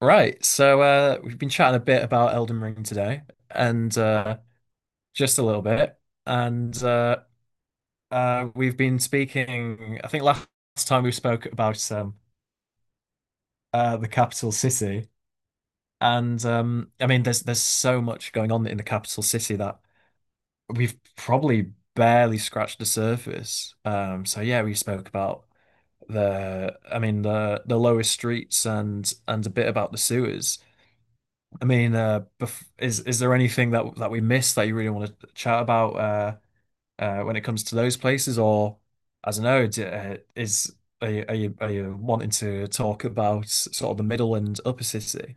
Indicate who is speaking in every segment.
Speaker 1: Right, we've been chatting a bit about Elden Ring today, and just a little bit, and we've been speaking. I think last time we spoke about the capital city, and I mean, there's so much going on in the capital city that we've probably barely scratched the surface. So yeah, we spoke about I mean, the lowest streets and a bit about the sewers. I mean, bef is there anything that we missed that you really want to chat about when it comes to those places, or I don't know, d is are you, are you are you wanting to talk about sort of the middle and upper city?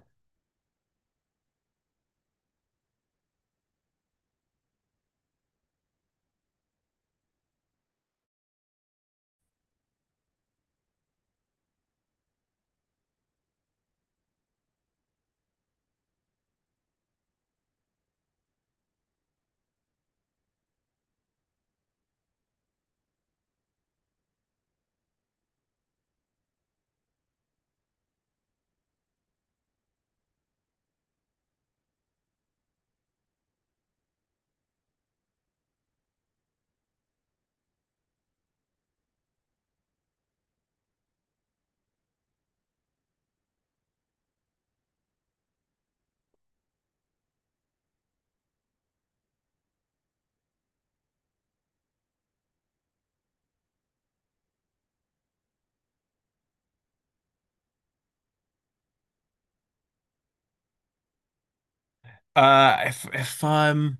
Speaker 1: Uh, if if um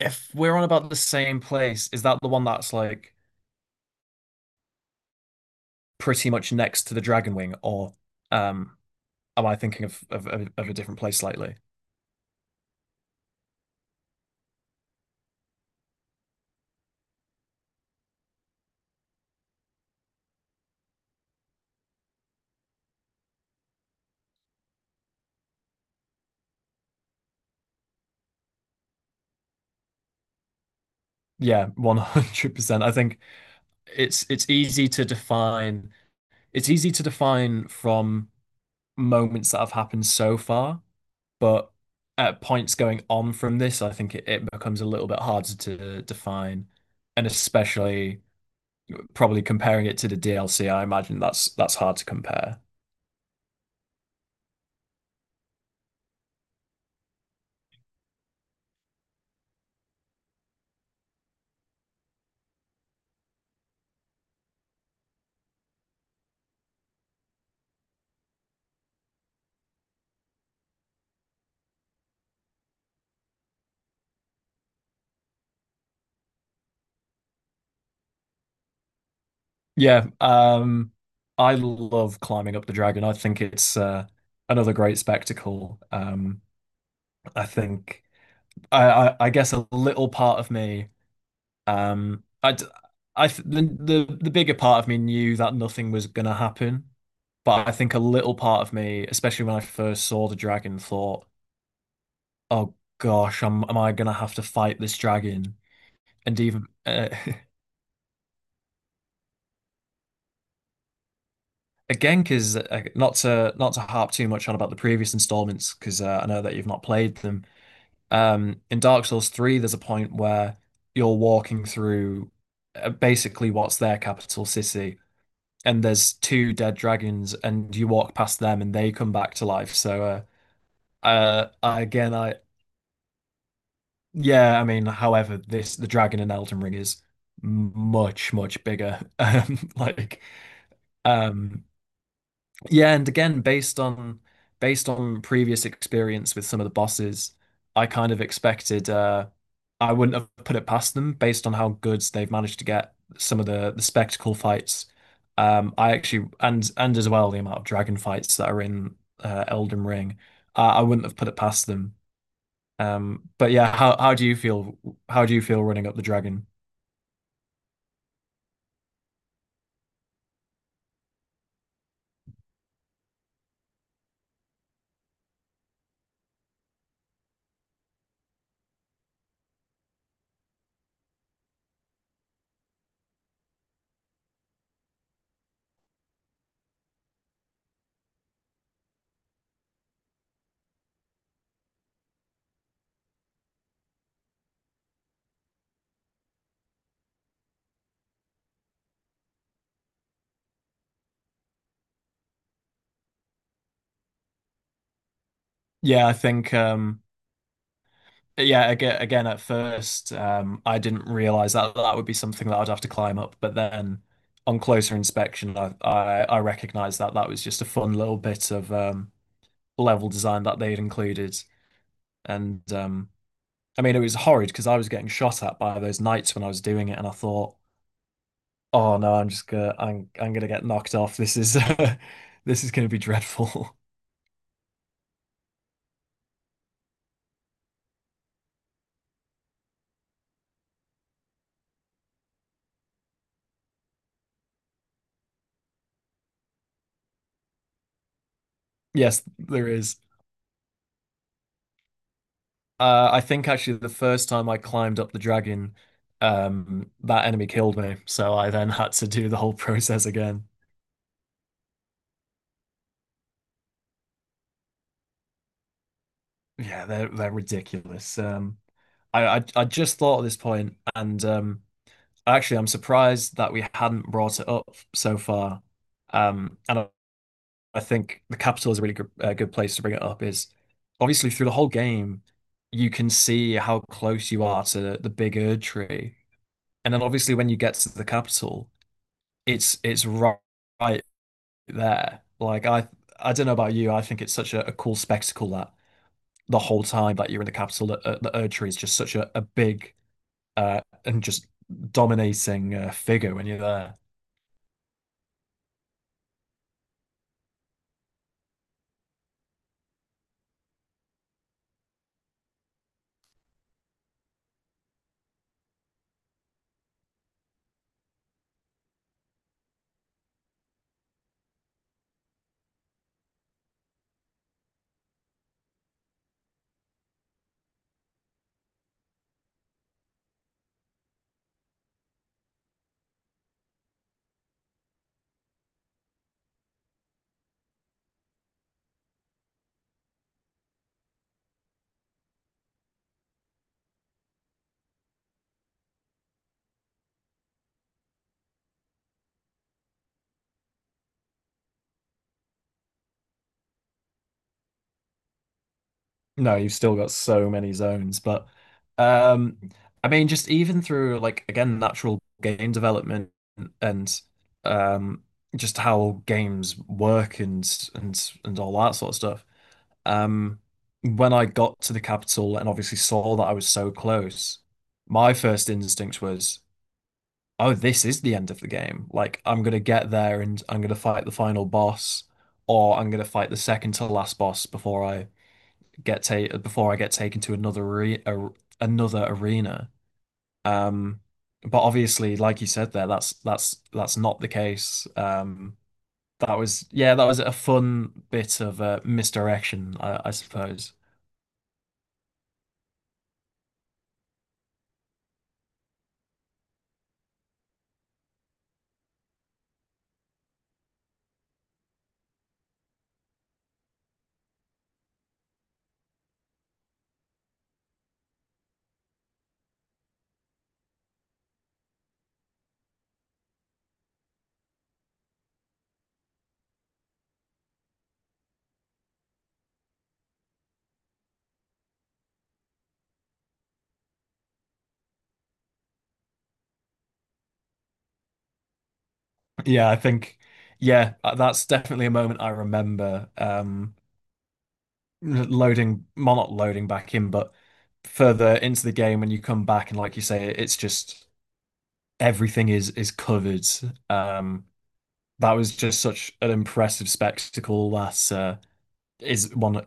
Speaker 1: if we're on about the same place, is that the one that's like pretty much next to the Dragon Wing, or um am I thinking of a different place slightly? Yeah, 100%. I think it's it's easy to define it's easy to define from moments that have happened so far, but at points going on from this, I think it becomes a little bit harder to define, and especially probably comparing it to the DLC, I imagine that's hard to compare. Yeah, I love climbing up the dragon. I think it's another great spectacle. I think I guess a little part of me Um, I, I the, the bigger part of me knew that nothing was gonna happen, but I think a little part of me, especially when I first saw the dragon, thought, "Oh gosh, am I gonna have to fight this dragon?" And even again, because not to not to harp too much on about the previous installments, because I know that you've not played them. In Dark Souls 3, there's a point where you're walking through basically what's their capital city, and there's two dead dragons, and you walk past them, and they come back to life. So, again, I yeah, I mean, however, this the dragon in Elden Ring is much bigger. Um, yeah, and again, based on previous experience with some of the bosses, I kind of expected I wouldn't have put it past them based on how good they've managed to get some of the spectacle fights. I actually and as well the amount of dragon fights that are in Elden Ring. I wouldn't have put it past them. But yeah, how do you feel running up the dragon? Yeah, I think Yeah, again, at first, I didn't realize that that would be something that I'd have to climb up. But then, on closer inspection, I recognized that that was just a fun little bit of level design that they'd included. And I mean, it was horrid because I was getting shot at by those knights when I was doing it, and I thought, oh no, I'm gonna get knocked off. This is this is gonna be dreadful. Yes, there is. I think actually the first time I climbed up the dragon, that enemy killed me, so I then had to do the whole process again. Yeah, they're ridiculous. I just thought at this point, and actually I'm surprised that we hadn't brought it up so far. Um, and I, I think the capital is a really good good place to bring it up. Is obviously through the whole game, you can see how close you are to big Erd tree, and then obviously when you get to the capital. it's it's right, right there. I don't know about you, I think it's such a cool spectacle that the whole time that you're in the capital, that, the Erd is just such a big and just dominating figure when you're there. No, you've still got so many zones, but um, I mean, just even through like again natural game development and um, just how games work and and all that sort of stuff. Um, when I got to the capital and obviously saw that I was so close, my first instinct was, oh, this is the end of the game. Like, I'm gonna get there and I'm gonna fight the final boss, or I'm gonna fight the second to last boss before I get ta before I get taken to another another arena. Um, but obviously, like you said there, that's that's not the case. That was yeah, that was a fun bit of misdirection, I suppose. Yeah, I think, yeah, that's definitely a moment I remember. Loading, well, not loading back in, but further into the game when you come back and, like you say, it's just everything is covered. Um, that was just such an impressive spectacle. That is one.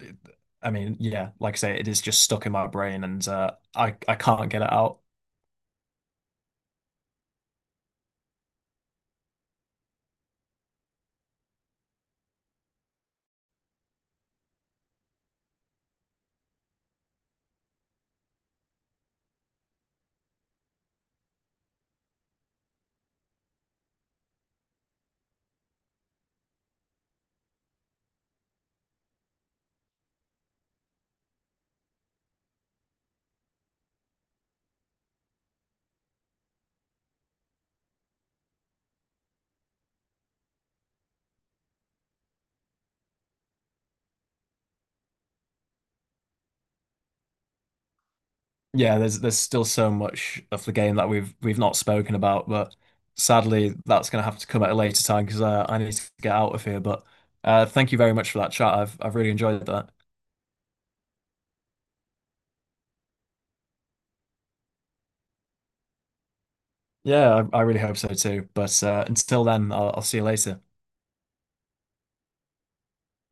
Speaker 1: I mean, yeah, like I say, it is just stuck in my brain, and I can't get it out. Yeah, there's still so much of the game that we've not spoken about, but sadly that's going to have to come at a later time because I need to get out of here. But thank you very much for that chat. I've really enjoyed that. Yeah, I really hope so too. But until then, I'll see you later.